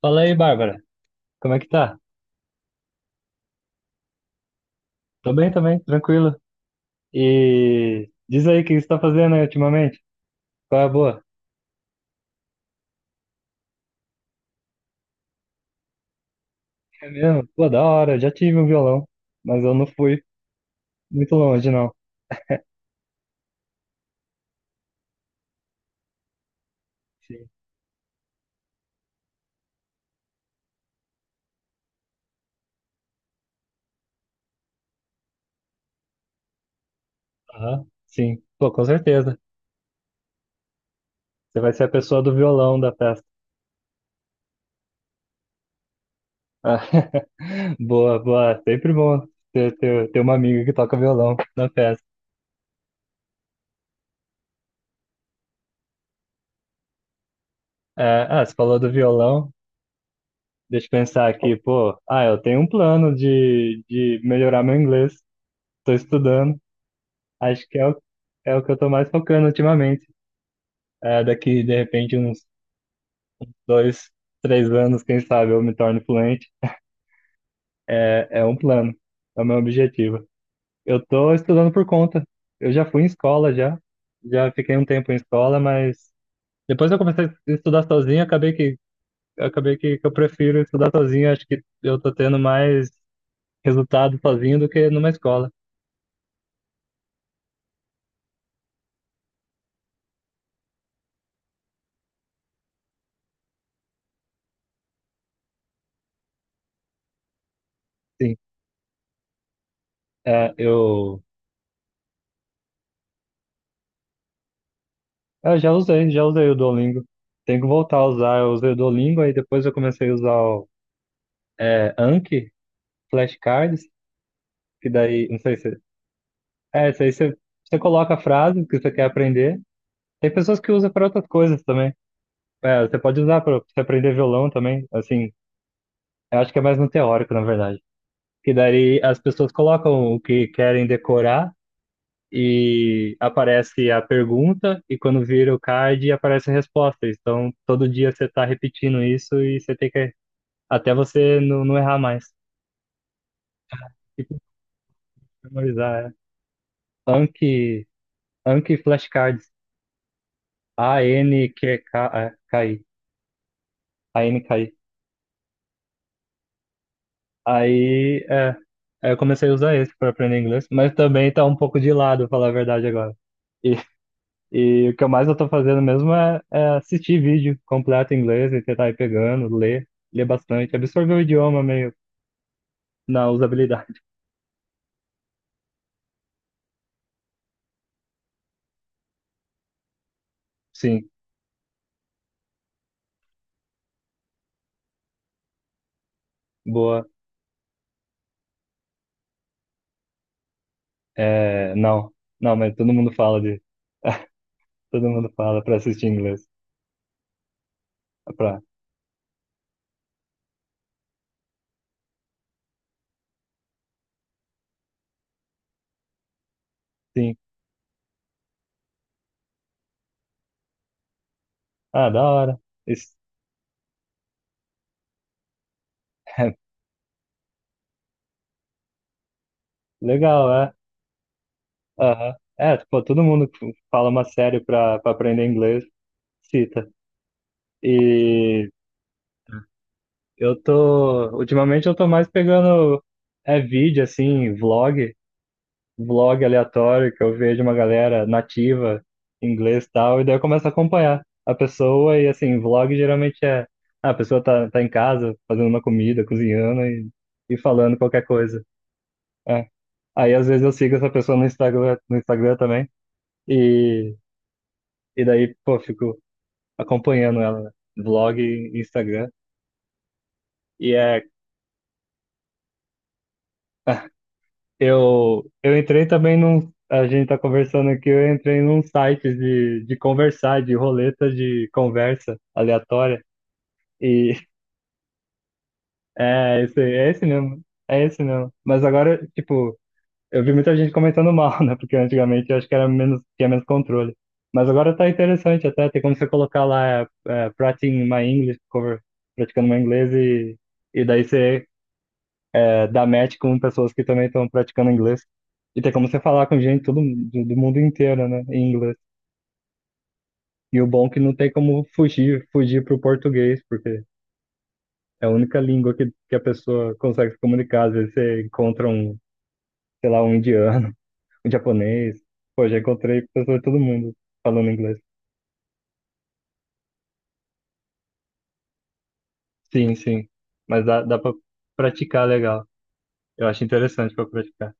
Fala aí, Bárbara. Como é que tá? Tô bem também, tranquilo. E diz aí o que você tá fazendo aí ultimamente? Qual é a boa? É mesmo? Pô, da hora, eu já tive um violão, mas eu não fui muito longe, não. Sim. Aham, sim. Pô, com certeza. Você vai ser a pessoa do violão da festa. Ah, boa, boa. Sempre bom ter uma amiga que toca violão na festa. É, você falou do violão. Deixa eu pensar aqui, pô. Ah, eu tenho um plano de melhorar meu inglês. Tô estudando. Acho que é o que eu tô mais focando ultimamente. É, daqui, de repente, uns 2, 3 anos, quem sabe eu me torne fluente. É, é um plano, é o meu objetivo. Eu tô estudando por conta. Eu já fui em escola, já. Já fiquei um tempo em escola, mas depois eu comecei a estudar sozinho, acabei que eu prefiro estudar sozinho. Acho que eu tô tendo mais resultado sozinho do que numa escola. Sim, eu... Eu já usei o Duolingo. Tenho que voltar a usar. Eu usei o Duolingo, aí depois eu comecei a usar o Anki, flashcards, que daí, não sei se. É, isso aí você coloca a frase que você quer aprender. Tem pessoas que usam para outras coisas também. É, você pode usar para você aprender violão também. Assim, eu acho que é mais no teórico, na verdade. Que daí as pessoas colocam o que querem decorar e aparece a pergunta, e quando vira o card, aparece a resposta. Então, todo dia você está repetindo isso e você tem que até você não errar mais. Tipo, memorizar. É. Anki, Anki flashcards. Anqki. Anki. Aí, é, aí, eu comecei a usar esse para aprender inglês, mas também tá um pouco de lado, falar a verdade agora. E, e o que eu mais eu tô fazendo mesmo é assistir vídeo completo em inglês e tentar ir pegando, ler, bastante, absorver o idioma meio na usabilidade. Sim, boa. É, não, não, mas todo mundo fala para assistir inglês. Pra, sim. Ah, da hora. Isso, legal, é. Aham. É, tipo, todo mundo que fala uma série pra aprender inglês, cita. E ultimamente eu tô mais pegando, é vídeo, assim, vlog, aleatório, que eu vejo uma galera nativa, inglês e tal, e daí eu começo a acompanhar a pessoa e, assim, vlog geralmente é, a pessoa tá em casa, fazendo uma comida, cozinhando e falando qualquer coisa. É. Aí às vezes eu sigo essa pessoa no Instagram, também, e, e daí, pô, fico acompanhando ela, né? Vlog e Instagram. E eu entrei também num. A gente tá conversando aqui, eu entrei num site de conversar, de roleta de conversa aleatória. E é esse mesmo. É esse mesmo. Mas agora, tipo, eu vi muita gente comentando mal, né? Porque antigamente eu acho que era menos, tinha menos controle. Mas agora tá interessante até, tem como você colocar lá Practicing My English Cover, praticando meu inglês e daí você dá match com pessoas que também estão praticando inglês. E tem como você falar com gente do mundo inteiro, né? Em inglês. E o bom é que não tem como fugir pro português, porque é a única língua que a pessoa consegue se comunicar. Às vezes você encontra um, sei lá, um indiano japonês. Pô, já encontrei pessoas de todo mundo falando inglês. Sim, sim. Mas dá pra praticar legal. Eu acho interessante pra praticar.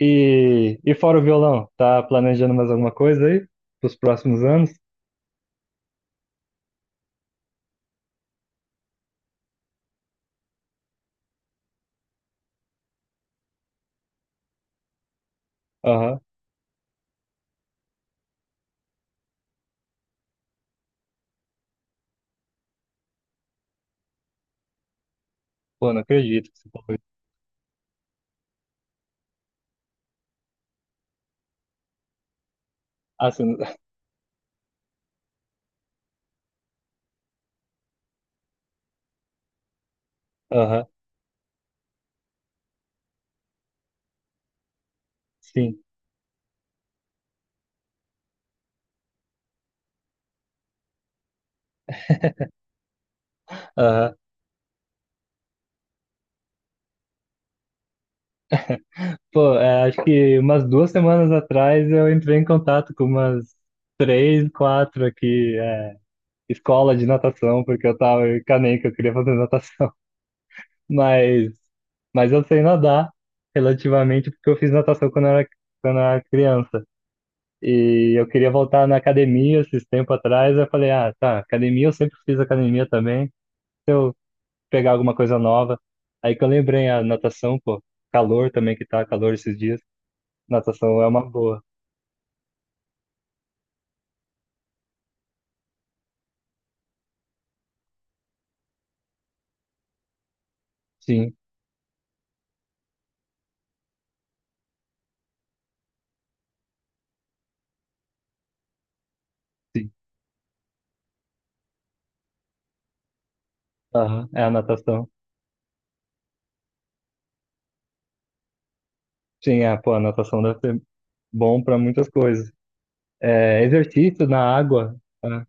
E fora o violão, tá planejando mais alguma coisa aí? Pros próximos anos? Aham. Pô, não acredito que você falou isso. Ah, você não- aham, sim. Aham. Pô, acho que umas 2 semanas atrás eu entrei em contato com umas três, quatro aqui, escola de natação, porque eu tava em Caném, que eu queria fazer natação. Mas, mas eu sei nadar relativamente porque eu fiz natação quando eu era criança. E eu queria voltar na academia esses tempo atrás. Eu falei, ah, tá, academia, eu sempre fiz academia também. Se eu pegar alguma coisa nova. Aí que eu lembrei a natação, pô, calor também que tá calor esses dias. Natação é uma boa. Sim, sim. Aham, é a natação. Sim, pô, a natação deve ser bom para muitas coisas. É, exercício na água. Tá?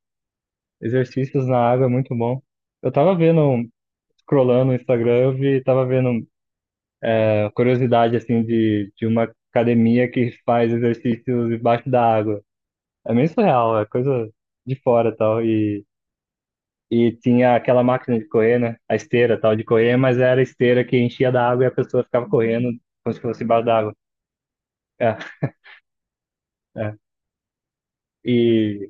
Exercícios na água é muito bom. Eu tava vendo, scrollando no Instagram, eu vi, tava vendo curiosidade, assim, de, uma academia que faz exercícios debaixo da água. É meio surreal, é coisa de fora e tal. E tinha aquela máquina de correr, né? A esteira tal, de correr, mas era a esteira que enchia da água e a pessoa ficava correndo como se fosse embaixo da água. É, é. E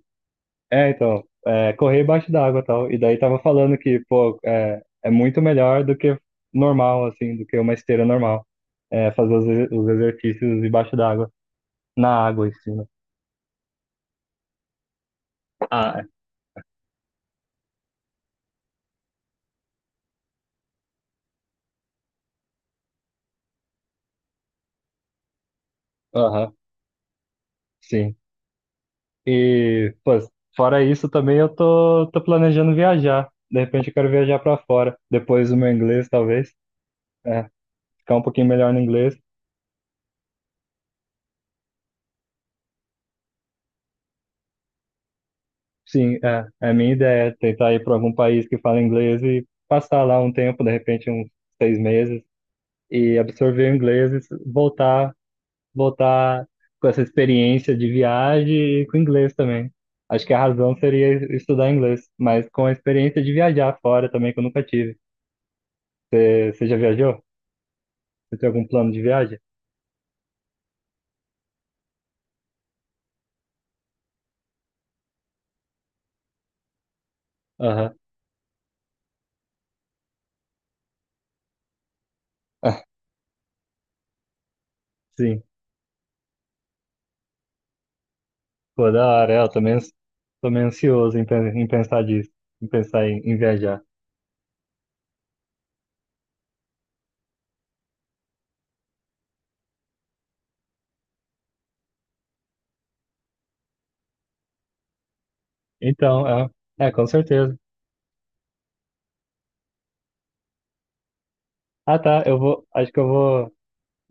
Então, correr embaixo d'água e tal. E daí tava falando que, pô, é muito melhor do que normal, assim, do que uma esteira normal. É, fazer os exercícios embaixo d'água, na água em cima. Ah, é. Aham, sim. E, pô, fora isso também eu tô planejando viajar. De repente eu quero viajar pra fora, depois do meu inglês, talvez. É, ficar um pouquinho melhor no inglês. Sim, é a minha ideia, tentar ir pra algum país que fala inglês e passar lá um tempo, de repente uns 6 meses e absorver o inglês e voltar, voltar com essa experiência de viagem e com inglês também. Acho que a razão seria estudar inglês, mas com a experiência de viajar fora também, que eu nunca tive. Você já viajou? Você tem algum plano de viagem? Aham. Sim. Pô, da hora, é, eu também meio ansioso em, em pensar disso, em pensar em viajar. Então, com certeza. Ah, tá, eu vou, acho que eu vou,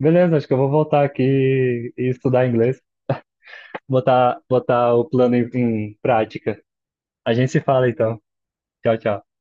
beleza, acho que eu vou voltar aqui e estudar inglês. Botar o plano em prática. A gente se fala então. Tchau, tchau.